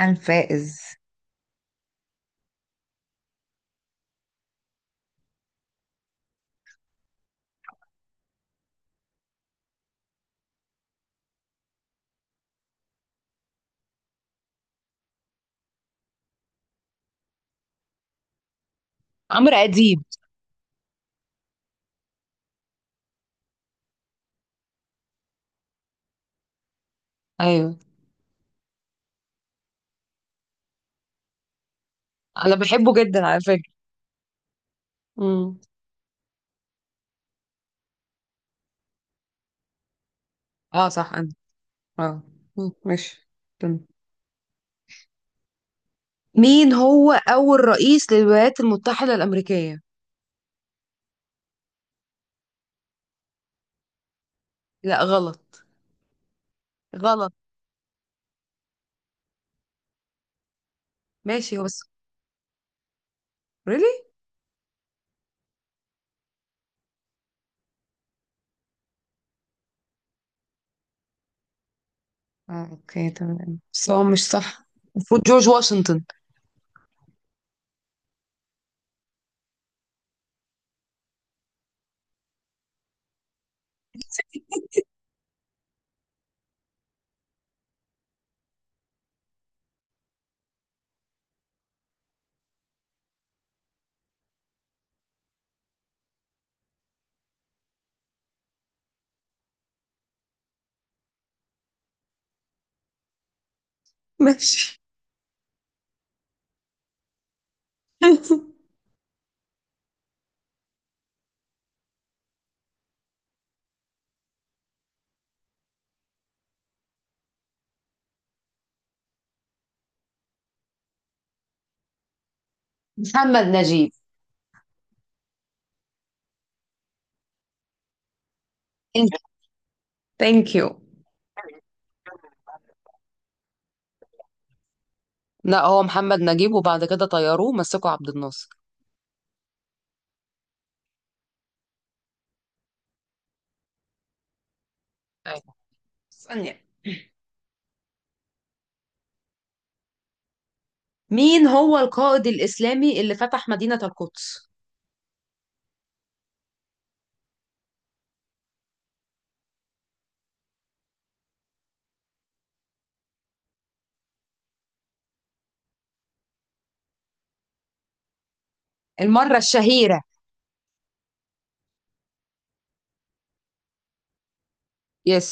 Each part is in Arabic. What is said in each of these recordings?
هان فائز. عمرو أديب. أيوه، أنا بحبه جدا على فكرة. مم. اه، صح، انا. اه. مم، ماشي. تم. مين هو أول رئيس للولايات المتحدة الأمريكية؟ لا، غلط. غلط. ماشي، هو بس ريلي. اه، اوكي، تمام، بس هو مش صح. المفروض جورج واشنطن. ماشي. محمد نجيب. انت؟ ثانك يو. لا، هو محمد نجيب وبعد كده طيروه مسكوا عبد الناصر. أيوة. ثانية. مين هو القائد الإسلامي اللي فتح مدينة القدس؟ المرة الشهيرة. يس.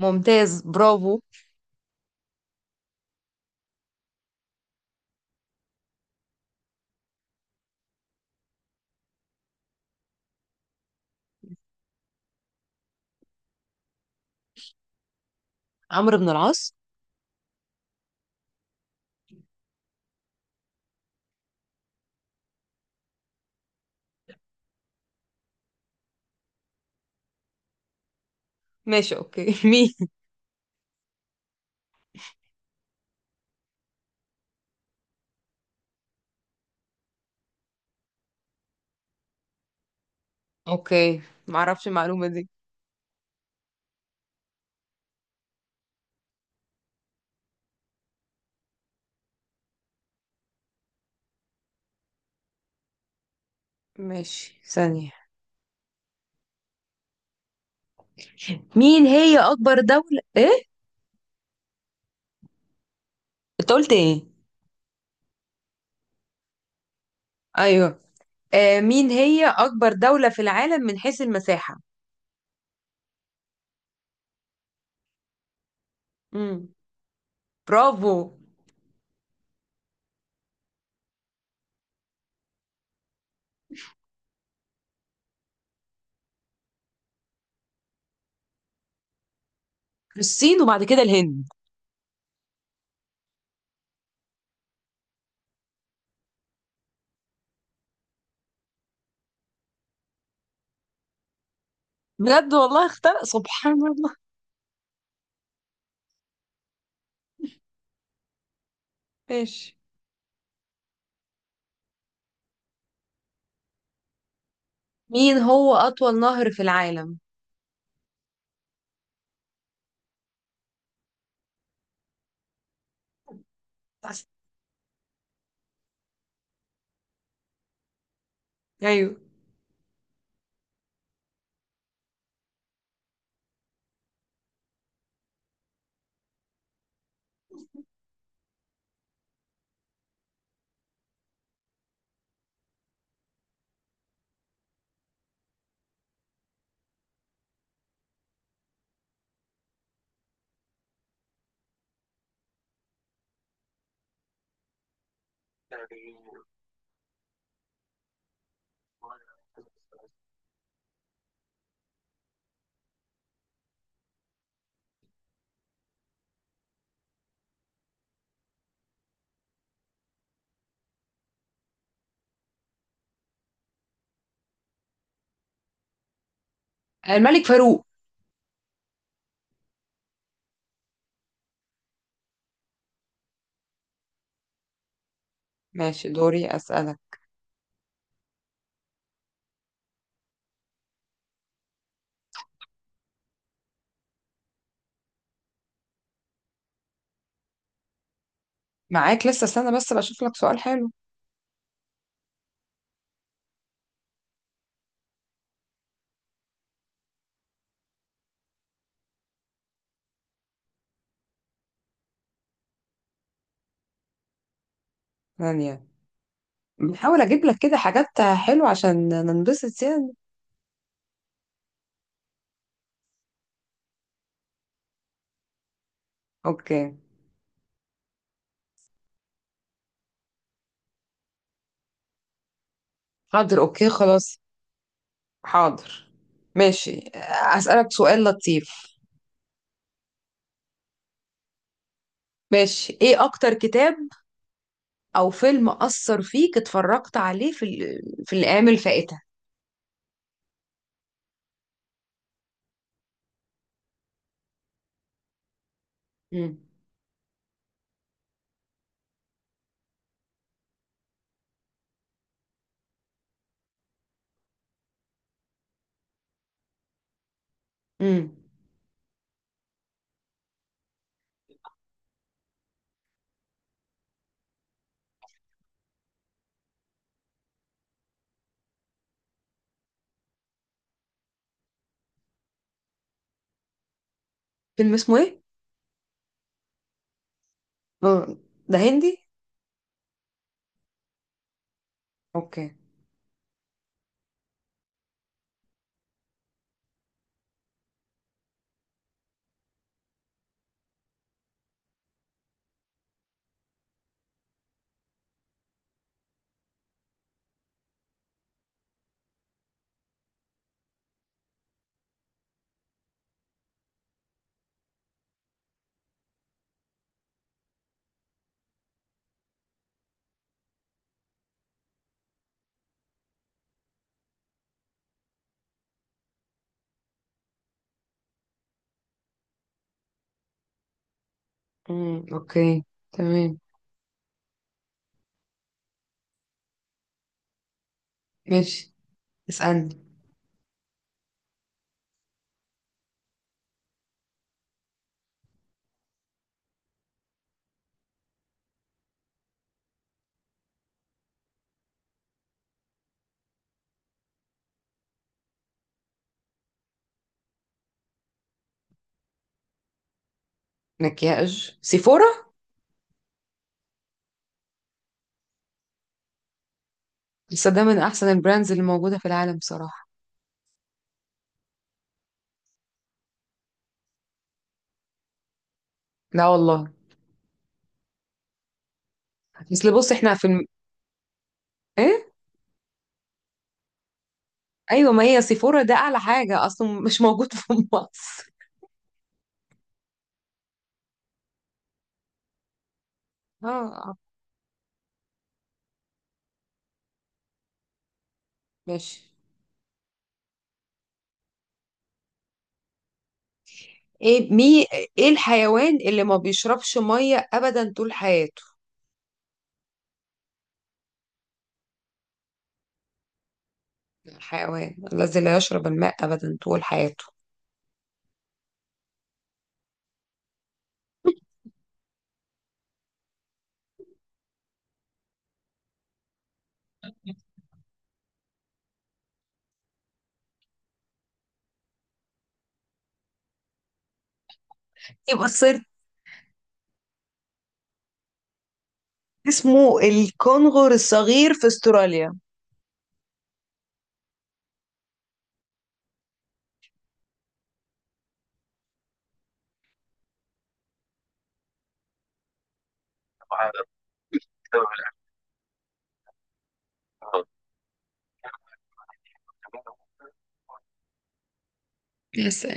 ممتاز، برافو. عمرو بن العاص. ماشي، اوكي. مين؟ اوكي، معرفش المعلومة دي. ماشي، ثانية. مين هي أكبر دولة ايه؟ انت قلت ايه؟ ايوه. مين هي أكبر دولة في العالم من حيث المساحة؟ امم. برافو. الصين وبعد كده الهند. بجد والله اخترق سبحان الله. ماشي. مين هو أطول نهر في العالم؟ بس. ايوه، الملك فاروق. ماشي، دوري أسألك. معاك لسه، استنى بس بشوف لك سؤال حلو. ثانية. بحاول أجيب لك كده حاجات حلوة عشان ننبسط يعني. أوكي، حاضر، أوكي، خلاص، حاضر، ماشي. أسألك سؤال لطيف. ماشي، إيه أكتر كتاب أو فيلم أثر فيك اتفرجت عليه في الأيام الفائتة؟ مم. مم. فيلم اسمه إيه؟ آه، ده هندي؟ أوكي. مم. أوكي، تمام، ماشي، اسألني. مكياج سيفورا. لسه ده من احسن البراندز اللي موجوده في العالم بصراحه. لا والله. اصل بص احنا ايه. ايوه، ما هي سيفورا ده اعلى حاجه اصلا، مش موجود في مصر. اه. ماشي. ايه مي ايه الحيوان اللي ما بيشربش ميه ابدا طول حياته؟ الحيوان الذي لا يشرب الماء ابدا طول حياته. يبقى الصيد. اسمه الكنغر الصغير في استراليا. بس